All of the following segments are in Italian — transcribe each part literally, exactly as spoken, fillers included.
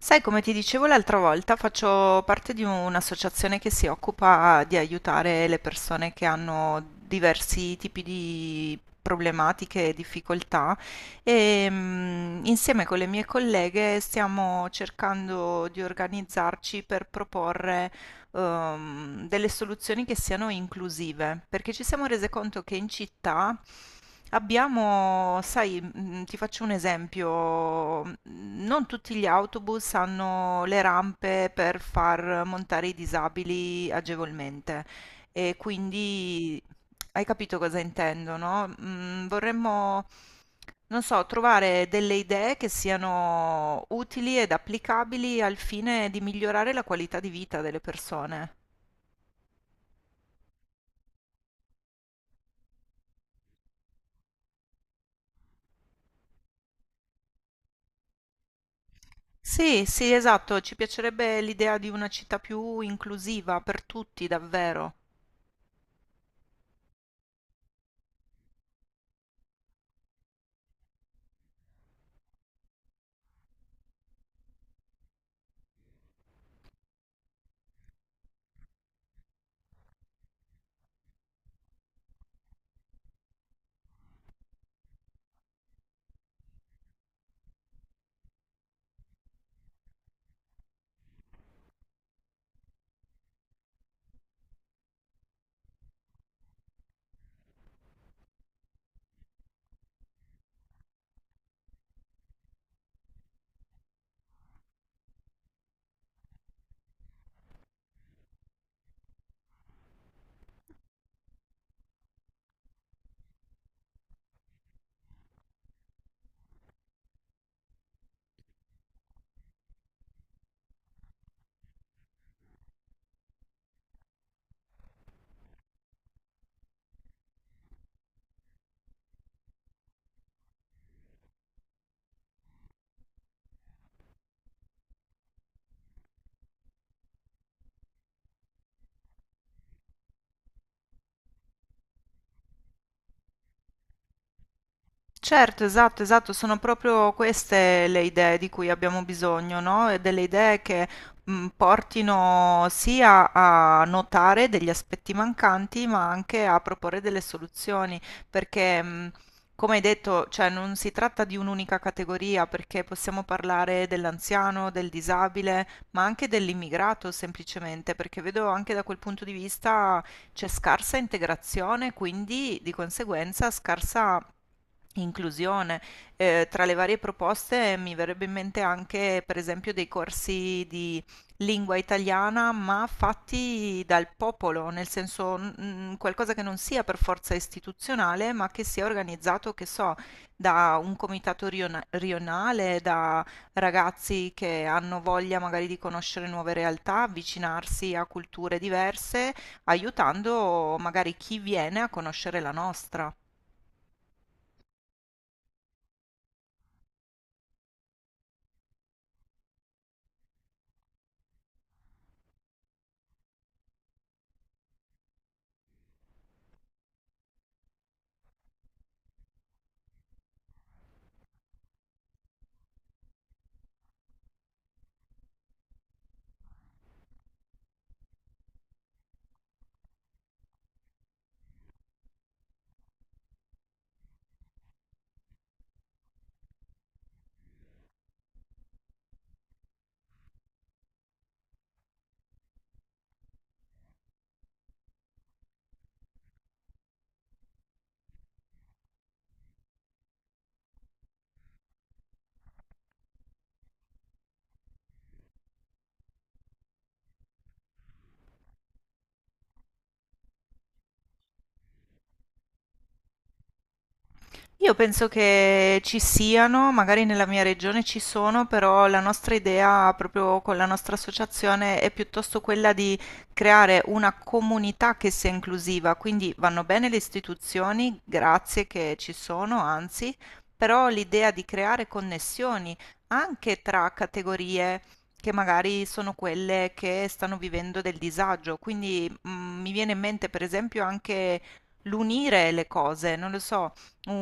Sai, come ti dicevo l'altra volta, faccio parte di un'associazione che si occupa di aiutare le persone che hanno diversi tipi di problematiche e difficoltà e mm, insieme con le mie colleghe stiamo cercando di organizzarci per proporre ehm, delle soluzioni che siano inclusive, perché ci siamo rese conto che in città abbiamo, sai, mm, ti faccio un esempio, mm, non tutti gli autobus hanno le rampe per far montare i disabili agevolmente. E quindi hai capito cosa intendo, no? Mm, vorremmo, non so, trovare delle idee che siano utili ed applicabili al fine di migliorare la qualità di vita delle persone. Sì, sì, esatto, ci piacerebbe l'idea di una città più inclusiva per tutti, davvero. Certo, esatto, esatto, sono proprio queste le idee di cui abbiamo bisogno, no? E delle idee che mh, portino sia a notare degli aspetti mancanti, ma anche a proporre delle soluzioni, perché mh, come hai detto, cioè non si tratta di un'unica categoria, perché possiamo parlare dell'anziano, del disabile, ma anche dell'immigrato semplicemente, perché vedo anche da quel punto di vista c'è scarsa integrazione, quindi di conseguenza scarsa inclusione. Eh, tra le varie proposte mi verrebbe in mente anche, per esempio, dei corsi di lingua italiana, ma fatti dal popolo, nel senso mm, qualcosa che non sia per forza istituzionale, ma che sia organizzato, che so, da un comitato riona- rionale, da ragazzi che hanno voglia magari di conoscere nuove realtà, avvicinarsi a culture diverse aiutando magari chi viene a conoscere la nostra. Io penso che ci siano, magari nella mia regione ci sono, però la nostra idea proprio con la nostra associazione è piuttosto quella di creare una comunità che sia inclusiva, quindi vanno bene le istituzioni, grazie che ci sono, anzi, però l'idea di creare connessioni anche tra categorie che magari sono quelle che stanno vivendo del disagio, quindi mm, mi viene in mente per esempio anche l'unire le cose, non lo so un,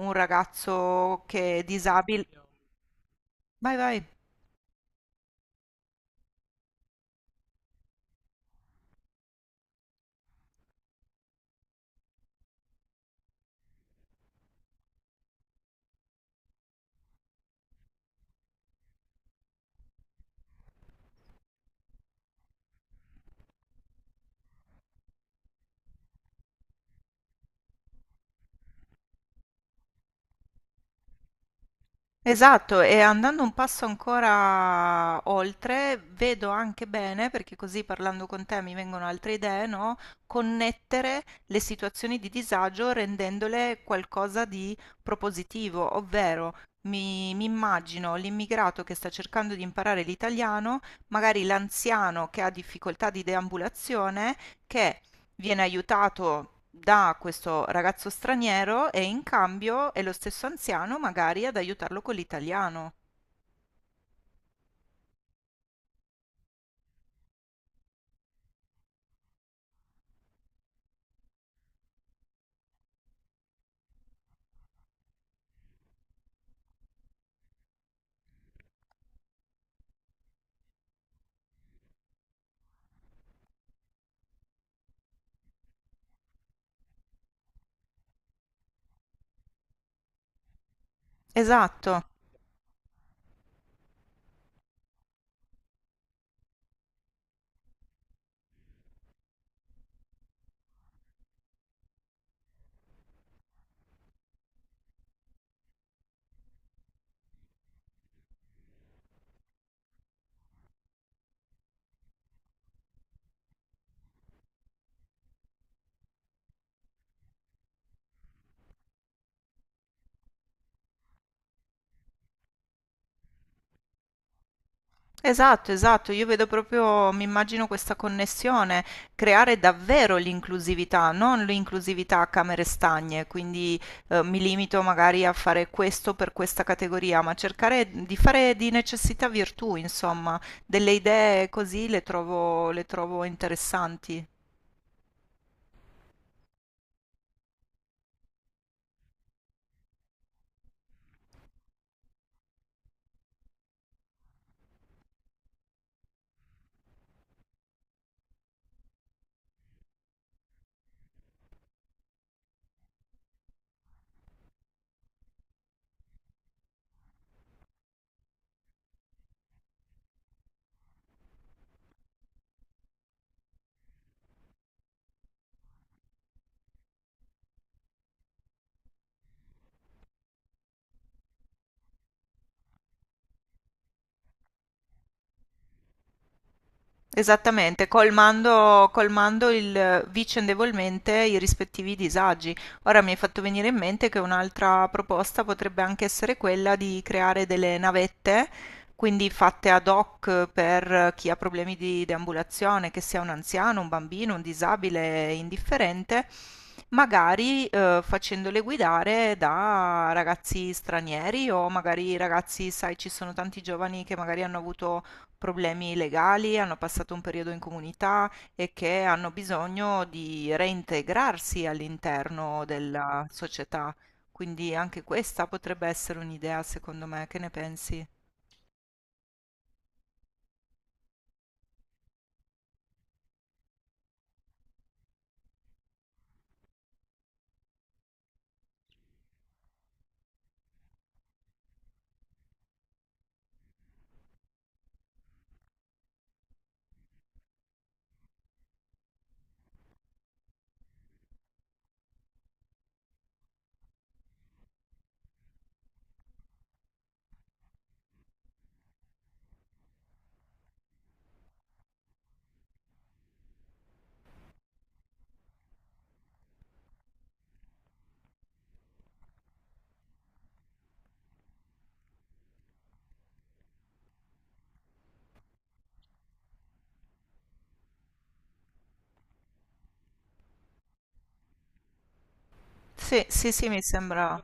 un ragazzo che è disabile. Vai, vai. Esatto, e andando un passo ancora oltre, vedo anche bene, perché così parlando con te mi vengono altre idee, no? Connettere le situazioni di disagio rendendole qualcosa di propositivo, ovvero mi, mi immagino l'immigrato che sta cercando di imparare l'italiano, magari l'anziano che ha difficoltà di deambulazione, che viene aiutato da questo ragazzo straniero e in cambio è lo stesso anziano magari ad aiutarlo con l'italiano. Esatto. Esatto, esatto, io vedo proprio, mi immagino questa connessione, creare davvero l'inclusività, non l'inclusività a camere stagne, quindi eh, mi limito magari a fare questo per questa categoria, ma cercare di fare di necessità virtù, insomma, delle idee così le trovo, le trovo interessanti. Esattamente, colmando, colmando il, vicendevolmente i rispettivi disagi. Ora mi hai fatto venire in mente che un'altra proposta potrebbe anche essere quella di creare delle navette, quindi fatte ad hoc per chi ha problemi di deambulazione, che sia un anziano, un bambino, un disabile, indifferente, magari eh, facendole guidare da ragazzi stranieri o magari ragazzi, sai, ci sono tanti giovani che magari hanno avuto problemi legali, hanno passato un periodo in comunità e che hanno bisogno di reintegrarsi all'interno della società. Quindi anche questa potrebbe essere un'idea, secondo me, che ne pensi? Sì, sì, sì, mi sembra.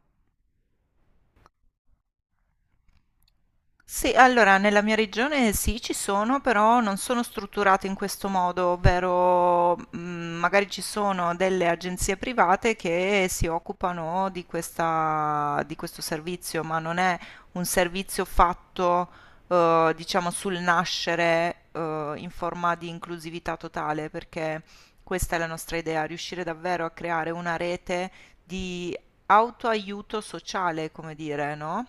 Sì, allora nella mia regione sì, ci sono, però non sono strutturate in questo modo, ovvero mm, magari ci sono delle agenzie private che si occupano di questa- di questo servizio, ma non è un servizio fatto, eh, diciamo, sul nascere, eh, in forma di inclusività totale, perché questa è la nostra idea, riuscire davvero a creare una rete di autoaiuto sociale, come dire, no?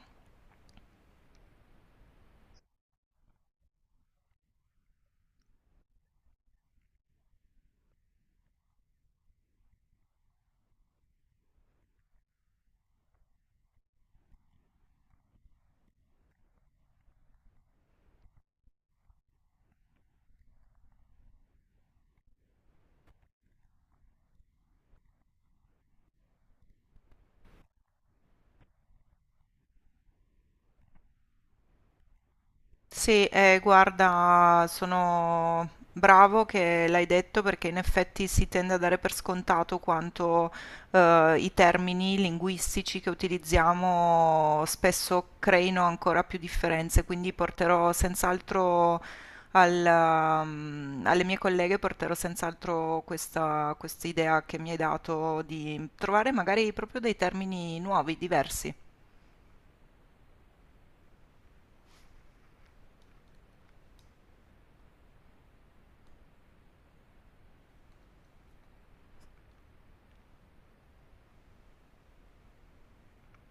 Sì, eh, guarda, sono bravo che l'hai detto perché in effetti si tende a dare per scontato quanto eh, i termini linguistici che utilizziamo spesso creino ancora più differenze, quindi porterò senz'altro al, ehm, alle mie colleghe porterò senz'altro questa, questa idea che mi hai dato di trovare magari proprio dei termini nuovi, diversi.